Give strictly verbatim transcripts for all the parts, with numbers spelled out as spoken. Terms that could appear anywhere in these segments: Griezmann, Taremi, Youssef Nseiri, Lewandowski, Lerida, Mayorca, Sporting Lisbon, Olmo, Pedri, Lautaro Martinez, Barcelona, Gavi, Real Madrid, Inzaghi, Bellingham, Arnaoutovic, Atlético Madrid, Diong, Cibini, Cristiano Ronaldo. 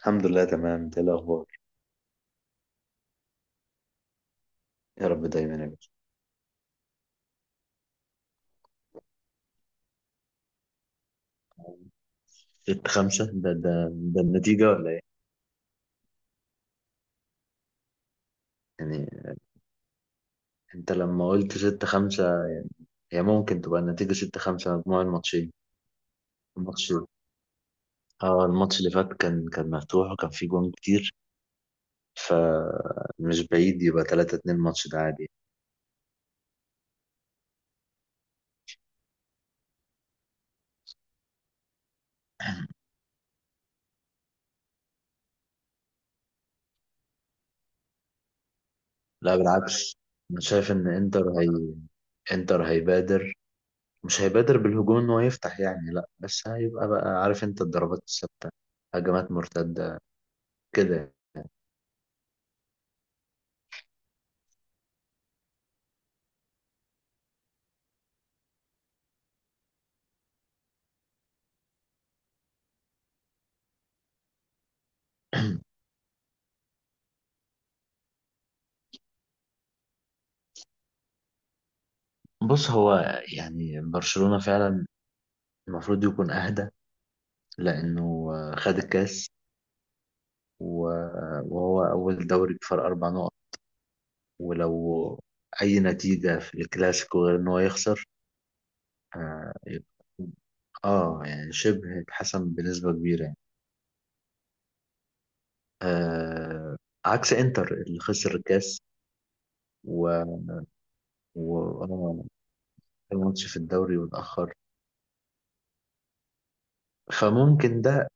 الحمد لله تمام، انت ايه الاخبار؟ يا رب دايما يا باشا. ستة خمسة ده ده ده النتيجة ولا ايه؟ يعني انت لما قلت ستة خمسة، هي ممكن تبقى النتيجة ستة خمسة مجموع الماتشين. الماتش، اه الماتش اللي فات كان كان مفتوح وكان فيه جوان كتير، فمش بعيد يبقى تلاتة اتنين الماتش ده عادي. لا بالعكس، انا شايف ان انتر هي انتر هيبادر، مش هيبادر بالهجوم ان هو يفتح يعني، لا بس هيبقى بقى عارف انت الضربات الثابتة، هجمات مرتدة كده. بص هو يعني برشلونة فعلا المفروض يكون أهدى، لأنه آه، خد الكاس و- آه، وهو أول دوري بفرق أربع نقط. ولو أي نتيجة في الكلاسيكو غير إن هو يخسر، آه يبقى- آه، يعني شبه اتحسم بنسبة كبيرة يعني. آه، عكس إنتر اللي خسر الكاس و و- آه، الماتش في الدوري واتأخر، فممكن ده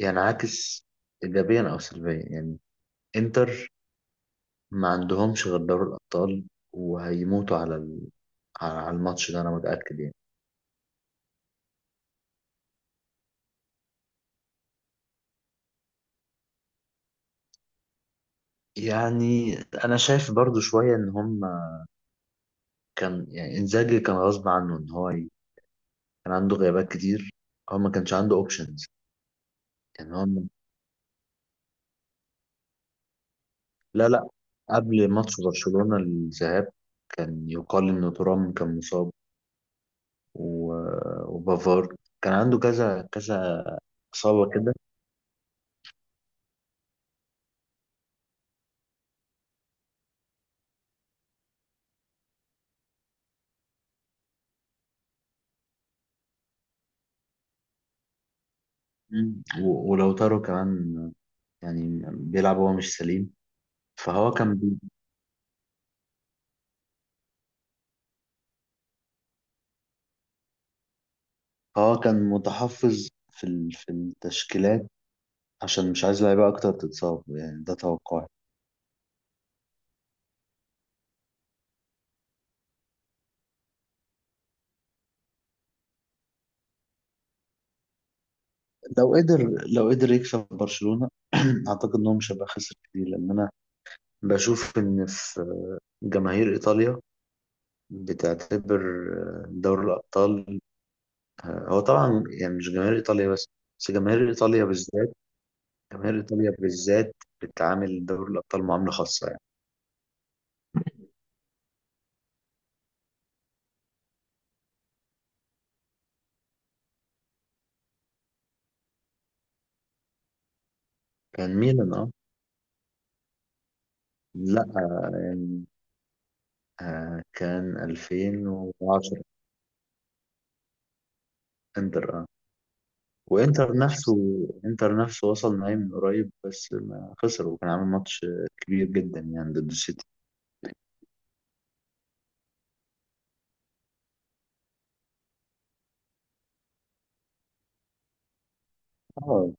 يعني عاكس إيجابيا أو سلبيا يعني. إنتر ما عندهمش غير دوري الأبطال، وهيموتوا على ال- على على الماتش ده أنا متأكد يعني. يعني أنا شايف برضو شوية إن هم كان يعني إنزاجي كان غصب عنه إن هو ي- كان عنده غيابات كتير، هو ما كانش عنده أوبشنز يعني هم. لا لا قبل ماتش برشلونة الذهاب كان يقال إن ترام كان مصاب و... وبافار كان عنده كذا كذا إصابة كده. مم. و... ولو تارو كمان يعني بيلعب وهو مش سليم. فهو كان، اه كان متحفظ في ال- في التشكيلات عشان مش عايز لعيبه اكتر تتصاب، يعني ده توقعي. لو قدر لو قدر يكسب برشلونه اعتقد انهم مش هيبقى خسر كتير، لان انا بشوف ان في جماهير ايطاليا بتعتبر آه، دوري الابطال، آه، هو طبعا يعني مش جماهير ايطاليا بس، بس جماهير ايطاليا بالذات، جماهير ايطاليا بالذات بتعامل دوري الابطال معامله خاصه يعني. كان ميلان اه. لا آه، يعني آه، كان ألفين وعشرة انتر اه. وانتر نفسه، انتر نفسه وصل نهائي من قريب بس ما خسر، وكان عامل ماتش كبير جدا يعني ضد السيتي. اه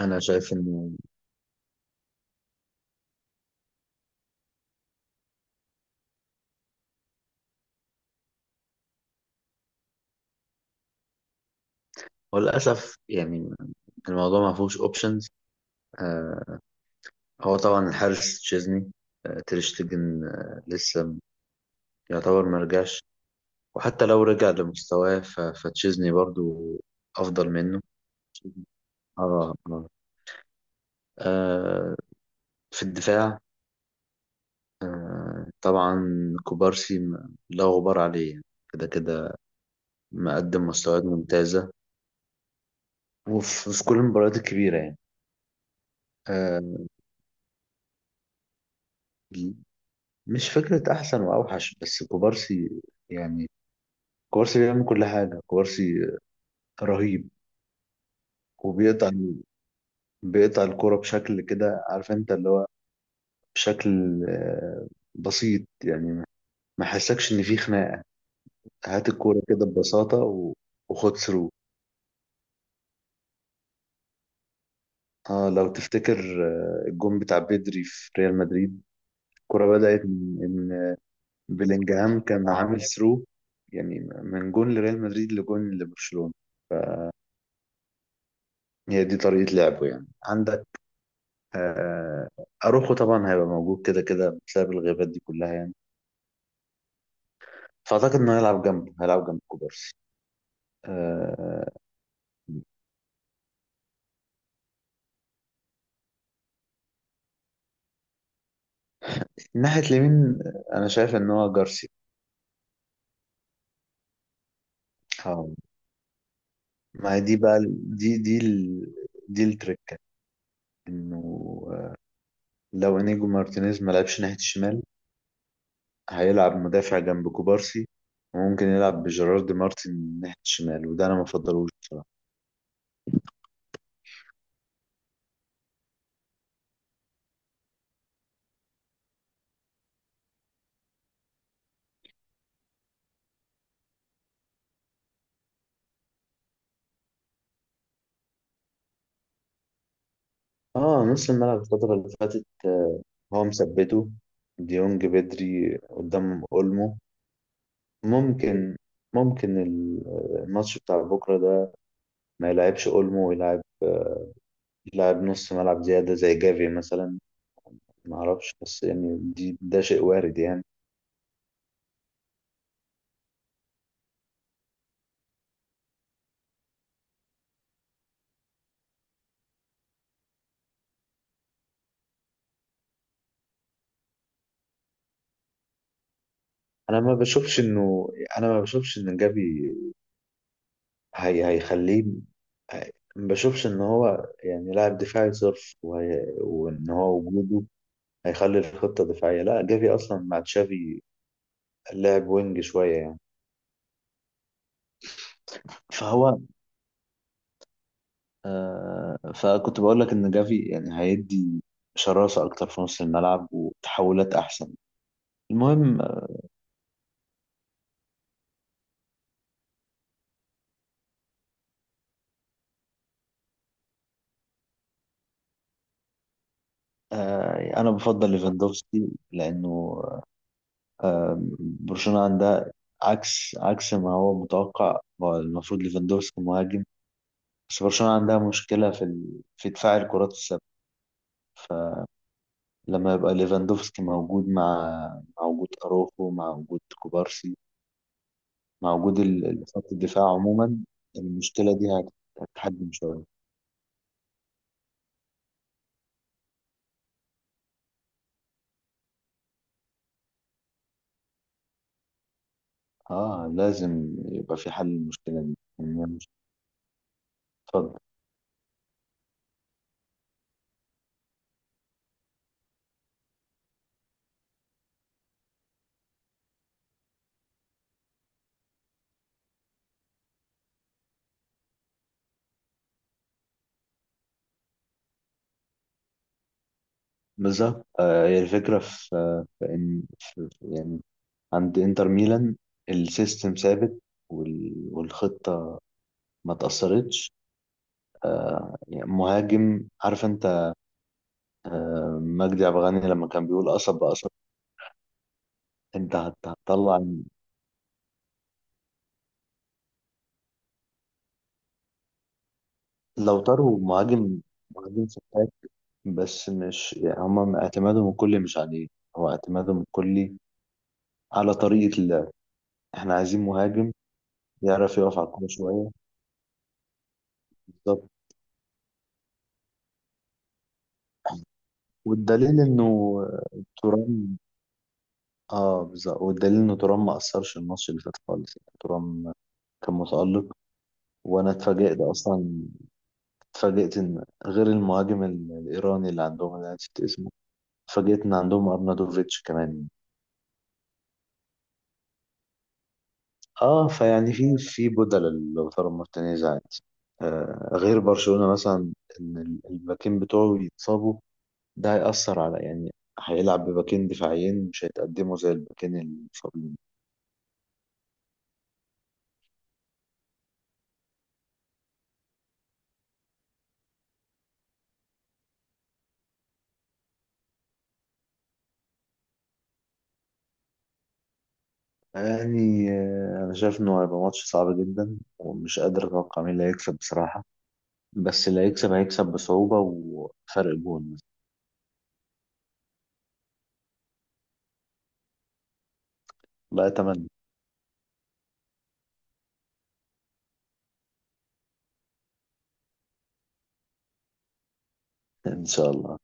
انا شايف انه هو للاسف يعني الموضوع ما فيهوش اوبشنز. آه، هو طبعا الحارس تشيزني، آه تريشتجن آه لسه يعتبر ما رجعش، وحتى لو رجع لمستواه ف- فتشيزني برضو افضل منه. اه اه، آه، في الدفاع آه طبعا كوبارسي ما- لا غبار عليه يعني، كده كده مقدم مستويات ممتازة وفي في كل المباريات الكبيرة يعني. آه مش فكرة أحسن وأوحش، بس كوبارسي يعني كوبارسي بيعمل كل حاجة. كوبارسي رهيب، وبيقطع، بيقطع الكرة بشكل كده عارف أنت اللي هو بشكل آه بسيط يعني، ما حسكش إن في خناقة، هات الكورة كده ببساطة و- وخد ثرو. اه لو تفتكر آه، الجون بتاع بيدري في ريال مدريد، الكرة بدأت من- إن بلينجهام كان عامل ثرو، يعني من جون لريال مدريد لجون لبرشلونة. هي دي طريقة لعبه يعني. عندك آه، أروخو طبعا هيبقى موجود كده كده بسبب الغيابات دي كلها يعني، فأعتقد إنه هيلعب جنبه، هيلعب جنب كوبارسي آه، ناحية اليمين آه، أنا شايف إن هو جارسيا. اه ما هي دي بقى ال- دي دي ال... دي التركة، إنه آه، لو إنيجو مارتينيز ما لعبش ناحية الشمال هيلعب مدافع جنب كوبارسي، وممكن يلعب بجيرارد مارتن ناحية الشمال، وده أنا ما بفضلوش بصراحة. اه نص الملعب الفترة اللي فاتت آه، هو مثبته ديونج بدري قدام أولمو. ممكن، ممكن ال- آه، الماتش بتاع بكرة ده ما يلعبش أولمو، ويلعب آه، يلعب نص ملعب زيادة زي جافي مثلا، ما أعرفش بس يعني دي ده شيء وارد يعني. أنا ما بشوفش إنه، أنا ما بشوفش إن جافي هي هيخليه هي- ما بشوفش ان هو يعني لاعب دفاعي صرف وهي... وان هو وجوده هيخلي الخطة دفاعية، لا جافي اصلا مع تشافي لاعب وينج شوية يعني. فهو آه، فكنت بقول لك ان جافي يعني هيدي شراسة اكتر في نص الملعب وتحولات احسن. المهم، آه انا بفضل ليفاندوفسكي، لانه آه برشلونة عندها عكس، عكس ما هو متوقع، هو المفروض ليفاندوفسكي مهاجم، بس برشلونة عندها مشكلة في ال... في دفاع الكرات الثابتة، فلما يبقى ليفاندوفسكي موجود مع، مع وجود أروخو، مع وجود كوبارسي، مع وجود ال- ال- خط الدفاع عموما، المشكلة دي هت- هتتحجم شوية. اه لازم يبقى في حل للمشكلة دي يعني، هي مش- اتفضل. بالظبط آه، هي الفكرة في، في إن في في- يعني عند إنتر ميلان السيستم ثابت، وال- والخطة ما تأثرتش آه، يعني مهاجم عارف أنت آه، مجدي عبد الغني لما كان بيقول قصب بقصب، انت هت- هتطلع. لو طاروا مهاجم، مهاجم فتاك، بس مش يعني هم اعتمادهم الكلي مش عليه، هو اعتمادهم الكلي على طريقة اللعب. احنا عايزين مهاجم يعرف يقف على الكورة شوية. بالظبط، والدليل انه ترام اه بالظبط، والدليل انه ترام ما اثرش الماتش اللي فات خالص، يعني ترام كان متألق. وانا اتفاجئت اصلا، اتفاجئت ان غير المهاجم ال- الايراني اللي عندهم انا نسيت اسمه، فاجئتنا عندهم ارنادوفيتش كمان. اه فيعني في في بدل لوتارو مارتينيز عادي. آه غير برشلونة مثلا، ان ال- الباكين بتوعه يتصابوا ده هيأثر على يعني، هيلعب بباكين دفاعيين مش هيتقدموا زي الباكين المصابين. يعني آه انا شايف انه هيبقى ماتش صعب جدا، ومش قادر اتوقع مين اللي هيكسب بصراحة، بس اللي هيكسب هيكسب بصعوبة وفرق جون. لا اتمنى. ان شاء الله.